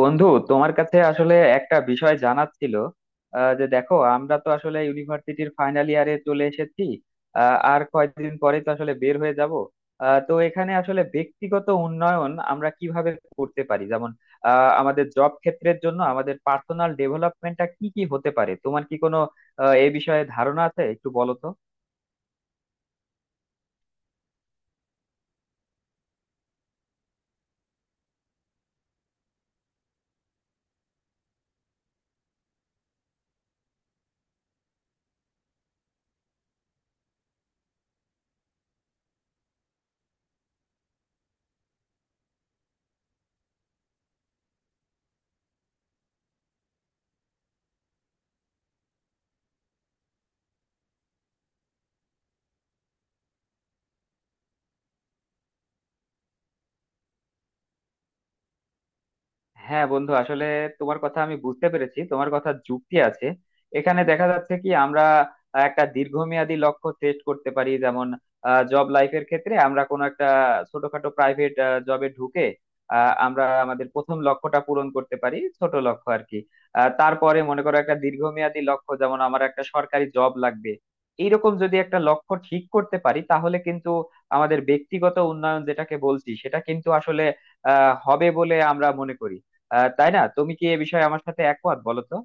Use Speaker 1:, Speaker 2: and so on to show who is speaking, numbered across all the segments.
Speaker 1: বন্ধু, তোমার কাছে আসলে একটা বিষয় জানার ছিল। যে দেখো, আমরা তো আসলে ইউনিভার্সিটির ফাইনাল ইয়ারে চলে এসেছি। আর কয়েকদিন পরে তো আসলে বের হয়ে যাব। তো এখানে আসলে ব্যক্তিগত উন্নয়ন আমরা কিভাবে করতে পারি, যেমন আমাদের জব ক্ষেত্রের জন্য আমাদের পার্সোনাল ডেভেলপমেন্টটা কি কি হতে পারে, তোমার কি কোনো এ বিষয়ে ধারণা আছে, একটু বলো তো। হ্যাঁ বন্ধু, আসলে তোমার কথা আমি বুঝতে পেরেছি, তোমার কথা যুক্তি আছে। এখানে দেখা যাচ্ছে কি আমরা একটা দীর্ঘমেয়াদী লক্ষ্য সেট করতে পারি, যেমন জব লাইফের ক্ষেত্রে আমরা কোনো একটা ছোটখাটো প্রাইভেট জবে ঢুকে আমরা আমাদের প্রথম লক্ষ্যটা পূরণ করতে পারি, ছোট লক্ষ্য আর কি। তারপরে মনে করো, একটা দীর্ঘমেয়াদী লক্ষ্য, যেমন আমার একটা সরকারি জব লাগবে। এইরকম যদি একটা লক্ষ্য ঠিক করতে পারি, তাহলে কিন্তু আমাদের ব্যক্তিগত উন্নয়ন যেটাকে বলছি সেটা কিন্তু আসলে হবে বলে আমরা মনে করি, তাই না? তুমি কি এ বিষয়ে আমার সাথে একমত, বলো তো।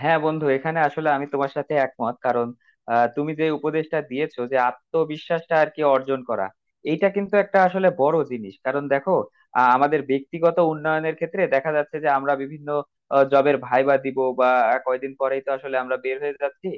Speaker 1: হ্যাঁ বন্ধু, এখানে আসলে আমি তোমার সাথে একমত, কারণ তুমি যে উপদেশটা দিয়েছো যে আত্মবিশ্বাসটা আর কি অর্জন করা, এইটা কিন্তু একটা আসলে বড় জিনিস। কারণ দেখো, আমাদের ব্যক্তিগত উন্নয়নের ক্ষেত্রে দেখা যাচ্ছে যে আমরা বিভিন্ন জবের ভাইবা দিব, বা কয়দিন পরেই তো আসলে আমরা বের হয়ে যাচ্ছি।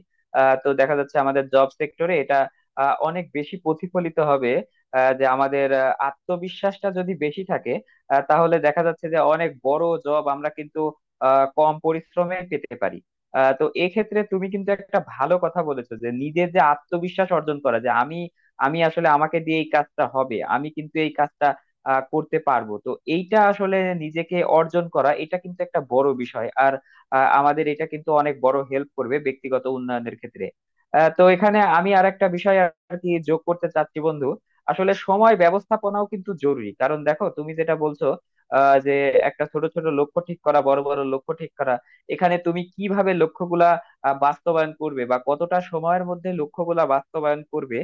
Speaker 1: তো দেখা যাচ্ছে, আমাদের জব সেক্টরে এটা অনেক বেশি প্রতিফলিত হবে। যে আমাদের আত্মবিশ্বাসটা যদি বেশি থাকে, তাহলে দেখা যাচ্ছে যে অনেক বড় জব আমরা কিন্তু কম পরিশ্রমে পেতে পারি। তো এক্ষেত্রে তুমি কিন্তু একটা ভালো কথা বলেছো যে নিজের যে আত্মবিশ্বাস অর্জন করা, যে আমি আমি আসলে আমাকে দিয়ে এই কাজটা হবে, আমি কিন্তু এই কাজটা করতে পারবো তো। এইটা আসলে নিজেকে অর্জন করা, এটা কিন্তু একটা বড় বিষয়। আর আমাদের এটা কিন্তু অনেক বড় হেল্প করবে ব্যক্তিগত উন্নয়নের ক্ষেত্রে। তো এখানে আমি আর একটা বিষয় আর কি যোগ করতে চাচ্ছি বন্ধু। আসলে সময় ব্যবস্থাপনাও কিন্তু জরুরি, কারণ দেখো তুমি যেটা বলছো, আহ যে একটা ছোট ছোট লক্ষ্য ঠিক করা, বড় বড় লক্ষ্য ঠিক করা, এখানে তুমি কিভাবে লক্ষ্যগুলা বাস্তবায়ন করবে বা কতটা সময়ের মধ্যে লক্ষ্যগুলা বাস্তবায়ন করবে,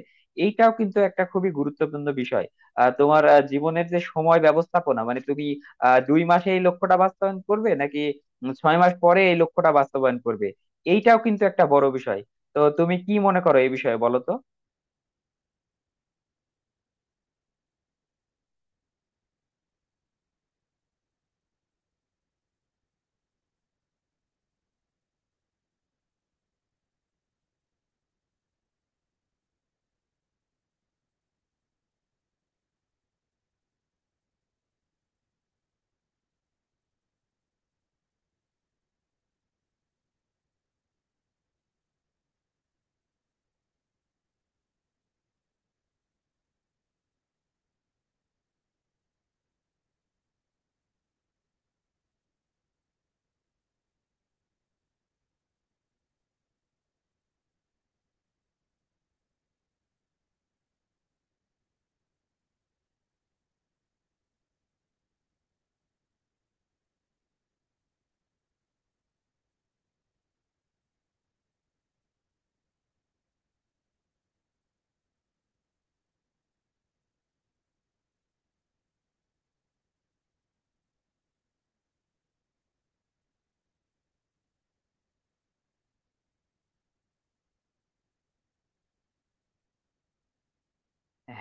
Speaker 1: এইটাও কিন্তু একটা খুবই গুরুত্বপূর্ণ বিষয়। তোমার জীবনের যে সময় ব্যবস্থাপনা, মানে তুমি 2 মাসে এই লক্ষ্যটা বাস্তবায়ন করবে, নাকি 6 মাস পরে এই লক্ষ্যটা বাস্তবায়ন করবে, এইটাও কিন্তু একটা বড় বিষয়। তো তুমি কি মনে করো এই বিষয়ে, বলো তো।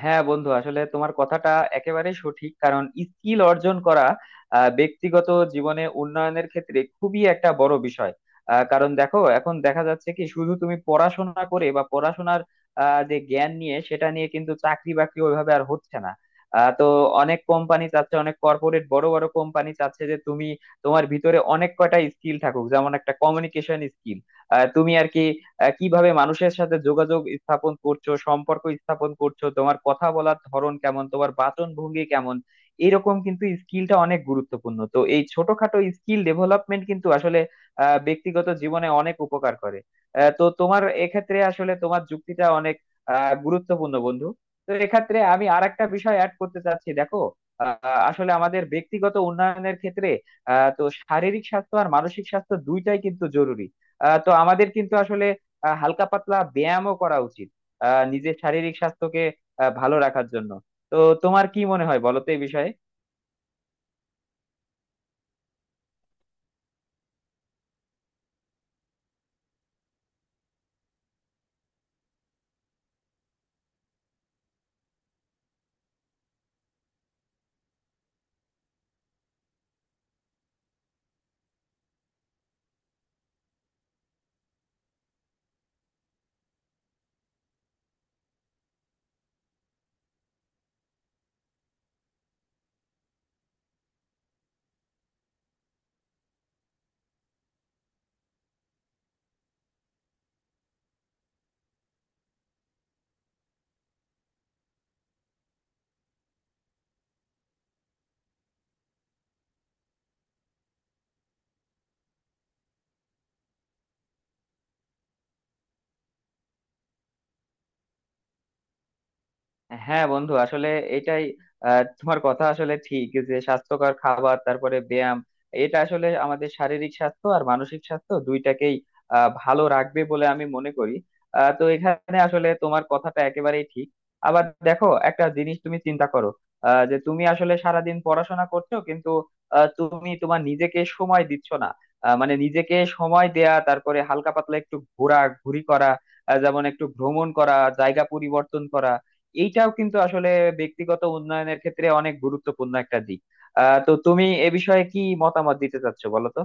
Speaker 1: হ্যাঁ বন্ধু, আসলে তোমার কথাটা একেবারে সঠিক, কারণ স্কিল অর্জন করা ব্যক্তিগত জীবনে উন্নয়নের ক্ষেত্রে খুবই একটা বড় বিষয়। কারণ দেখো, এখন দেখা যাচ্ছে কি শুধু তুমি পড়াশোনা করে বা পড়াশোনার যে জ্ঞান নিয়ে সেটা নিয়ে কিন্তু চাকরি বাকরি ওইভাবে আর হচ্ছে না। তো অনেক কোম্পানি চাচ্ছে, অনেক কর্পোরেট বড় বড় কোম্পানি চাচ্ছে যে তুমি তোমার ভিতরে অনেক কয়টা স্কিল থাকুক, যেমন একটা কমিউনিকেশন স্কিল। তুমি আর কি কিভাবে মানুষের সাথে যোগাযোগ স্থাপন করছো, সম্পর্ক স্থাপন করছো, তোমার কথা বলার ধরন কেমন, তোমার বাচন ভঙ্গি কেমন, এরকম কিন্তু স্কিলটা অনেক গুরুত্বপূর্ণ। তো এই ছোটখাটো স্কিল ডেভেলপমেন্ট কিন্তু আসলে ব্যক্তিগত জীবনে অনেক উপকার করে। তো তোমার এক্ষেত্রে আসলে তোমার যুক্তিটা অনেক গুরুত্বপূর্ণ বন্ধু। তো এক্ষেত্রে আমি আরেকটা বিষয় অ্যাড করতে চাচ্ছি, দেখো আহ, আসলে আমাদের ব্যক্তিগত উন্নয়নের ক্ষেত্রে তো শারীরিক স্বাস্থ্য আর মানসিক স্বাস্থ্য দুইটাই কিন্তু জরুরি। তো আমাদের কিন্তু আসলে হালকা পাতলা ব্যায়ামও করা উচিত, নিজের শারীরিক স্বাস্থ্যকে ভালো রাখার জন্য। তো তোমার কি মনে হয় বলো তো এই বিষয়ে। হ্যাঁ বন্ধু, আসলে এটাই। তোমার কথা আসলে ঠিক যে স্বাস্থ্যকর খাবার, তারপরে ব্যায়াম, এটা আসলে আমাদের শারীরিক স্বাস্থ্য আর মানসিক স্বাস্থ্য দুইটাকেই ভালো রাখবে বলে আমি মনে করি। তো এখানে আসলে তোমার কথাটা একেবারেই ঠিক। আবার দেখো একটা জিনিস তুমি চিন্তা করো, যে তুমি আসলে সারাদিন পড়াশোনা করছো, কিন্তু তুমি তোমার নিজেকে সময় দিচ্ছ না। মানে নিজেকে সময় দেয়া, তারপরে হালকা পাতলা একটু ঘোরা ঘুরি করা, যেমন একটু ভ্রমণ করা, জায়গা পরিবর্তন করা, এইটাও কিন্তু আসলে ব্যক্তিগত উন্নয়নের ক্ষেত্রে অনেক গুরুত্বপূর্ণ একটা দিক। তো তুমি এ বিষয়ে কি মতামত দিতে চাচ্ছো, বলো তো।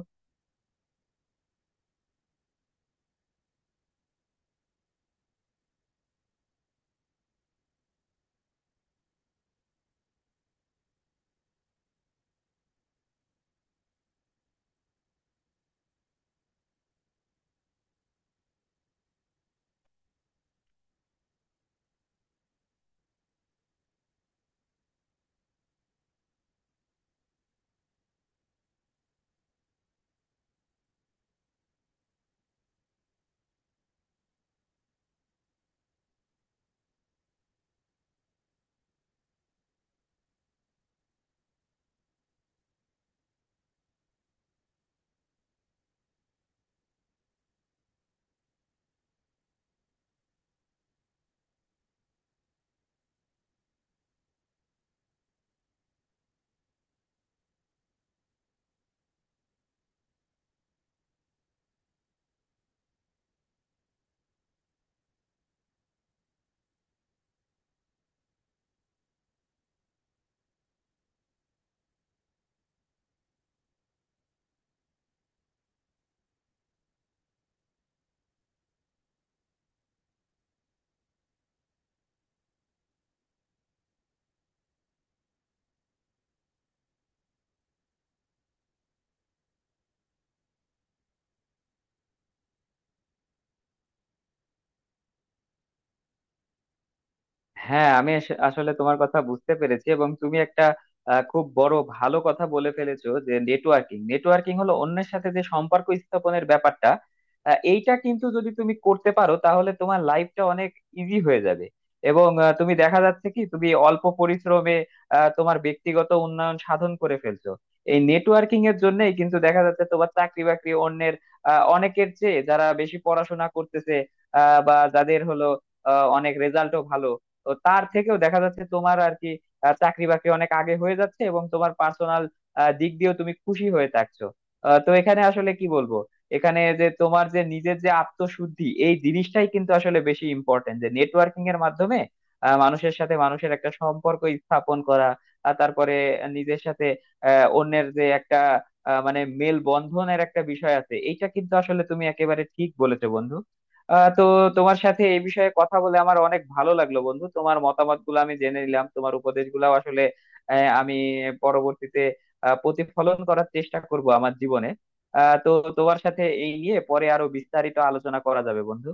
Speaker 1: হ্যাঁ, আসলে তোমার কথা বুঝতে পেরেছি, এবং তুমি একটা খুব বড় ভালো কথা বলে ফেলেছো যে নেটওয়ার্কিং, নেটওয়ার্কিং হলো অন্যের সাথে যে সম্পর্ক স্থাপনের ব্যাপারটা। এইটা কিন্তু যদি তুমি করতে পারো, তাহলে তোমার লাইফটা অনেক ইজি হয়ে যাবে। এবং তুমি দেখা যাচ্ছে কি তুমি অল্প পরিশ্রমে তোমার ব্যক্তিগত উন্নয়ন সাধন করে ফেলছো। এই নেটওয়ার্কিং এর জন্যই কিন্তু দেখা যাচ্ছে তোমার চাকরি বাকরি অন্যের অনেকের চেয়ে, যারা বেশি পড়াশোনা করতেছে বা যাদের হলো অনেক রেজাল্টও ভালো, তো তার থেকেও দেখা যাচ্ছে তোমার আর কি চাকরি বাকরি অনেক আগে হয়ে যাচ্ছে, এবং তোমার পার্সোনাল দিক দিয়েও তুমি খুশি হয়ে থাকছো। তো এখানে আসলে কি বলবো, এখানে যে তোমার যে নিজের যে আত্মশুদ্ধি, এই জিনিসটাই কিন্তু আসলে বেশি ইম্পর্টেন্ট। যে নেটওয়ার্কিং এর মাধ্যমে মানুষের সাথে মানুষের একটা সম্পর্ক স্থাপন করা, আর তারপরে নিজের সাথে অন্যের যে একটা মানে মেল বন্ধনের একটা বিষয় আছে, এইটা কিন্তু আসলে তুমি একেবারে ঠিক বলেছো বন্ধু। তো তোমার সাথে এই বিষয়ে কথা বলে আমার অনেক ভালো লাগলো বন্ধু। তোমার মতামত গুলো আমি জেনে নিলাম, তোমার উপদেশ গুলাও আসলে আমি পরবর্তীতে প্রতিফলন করার চেষ্টা করব আমার জীবনে। তো তোমার সাথে এই নিয়ে পরে আরো বিস্তারিত আলোচনা করা যাবে বন্ধু।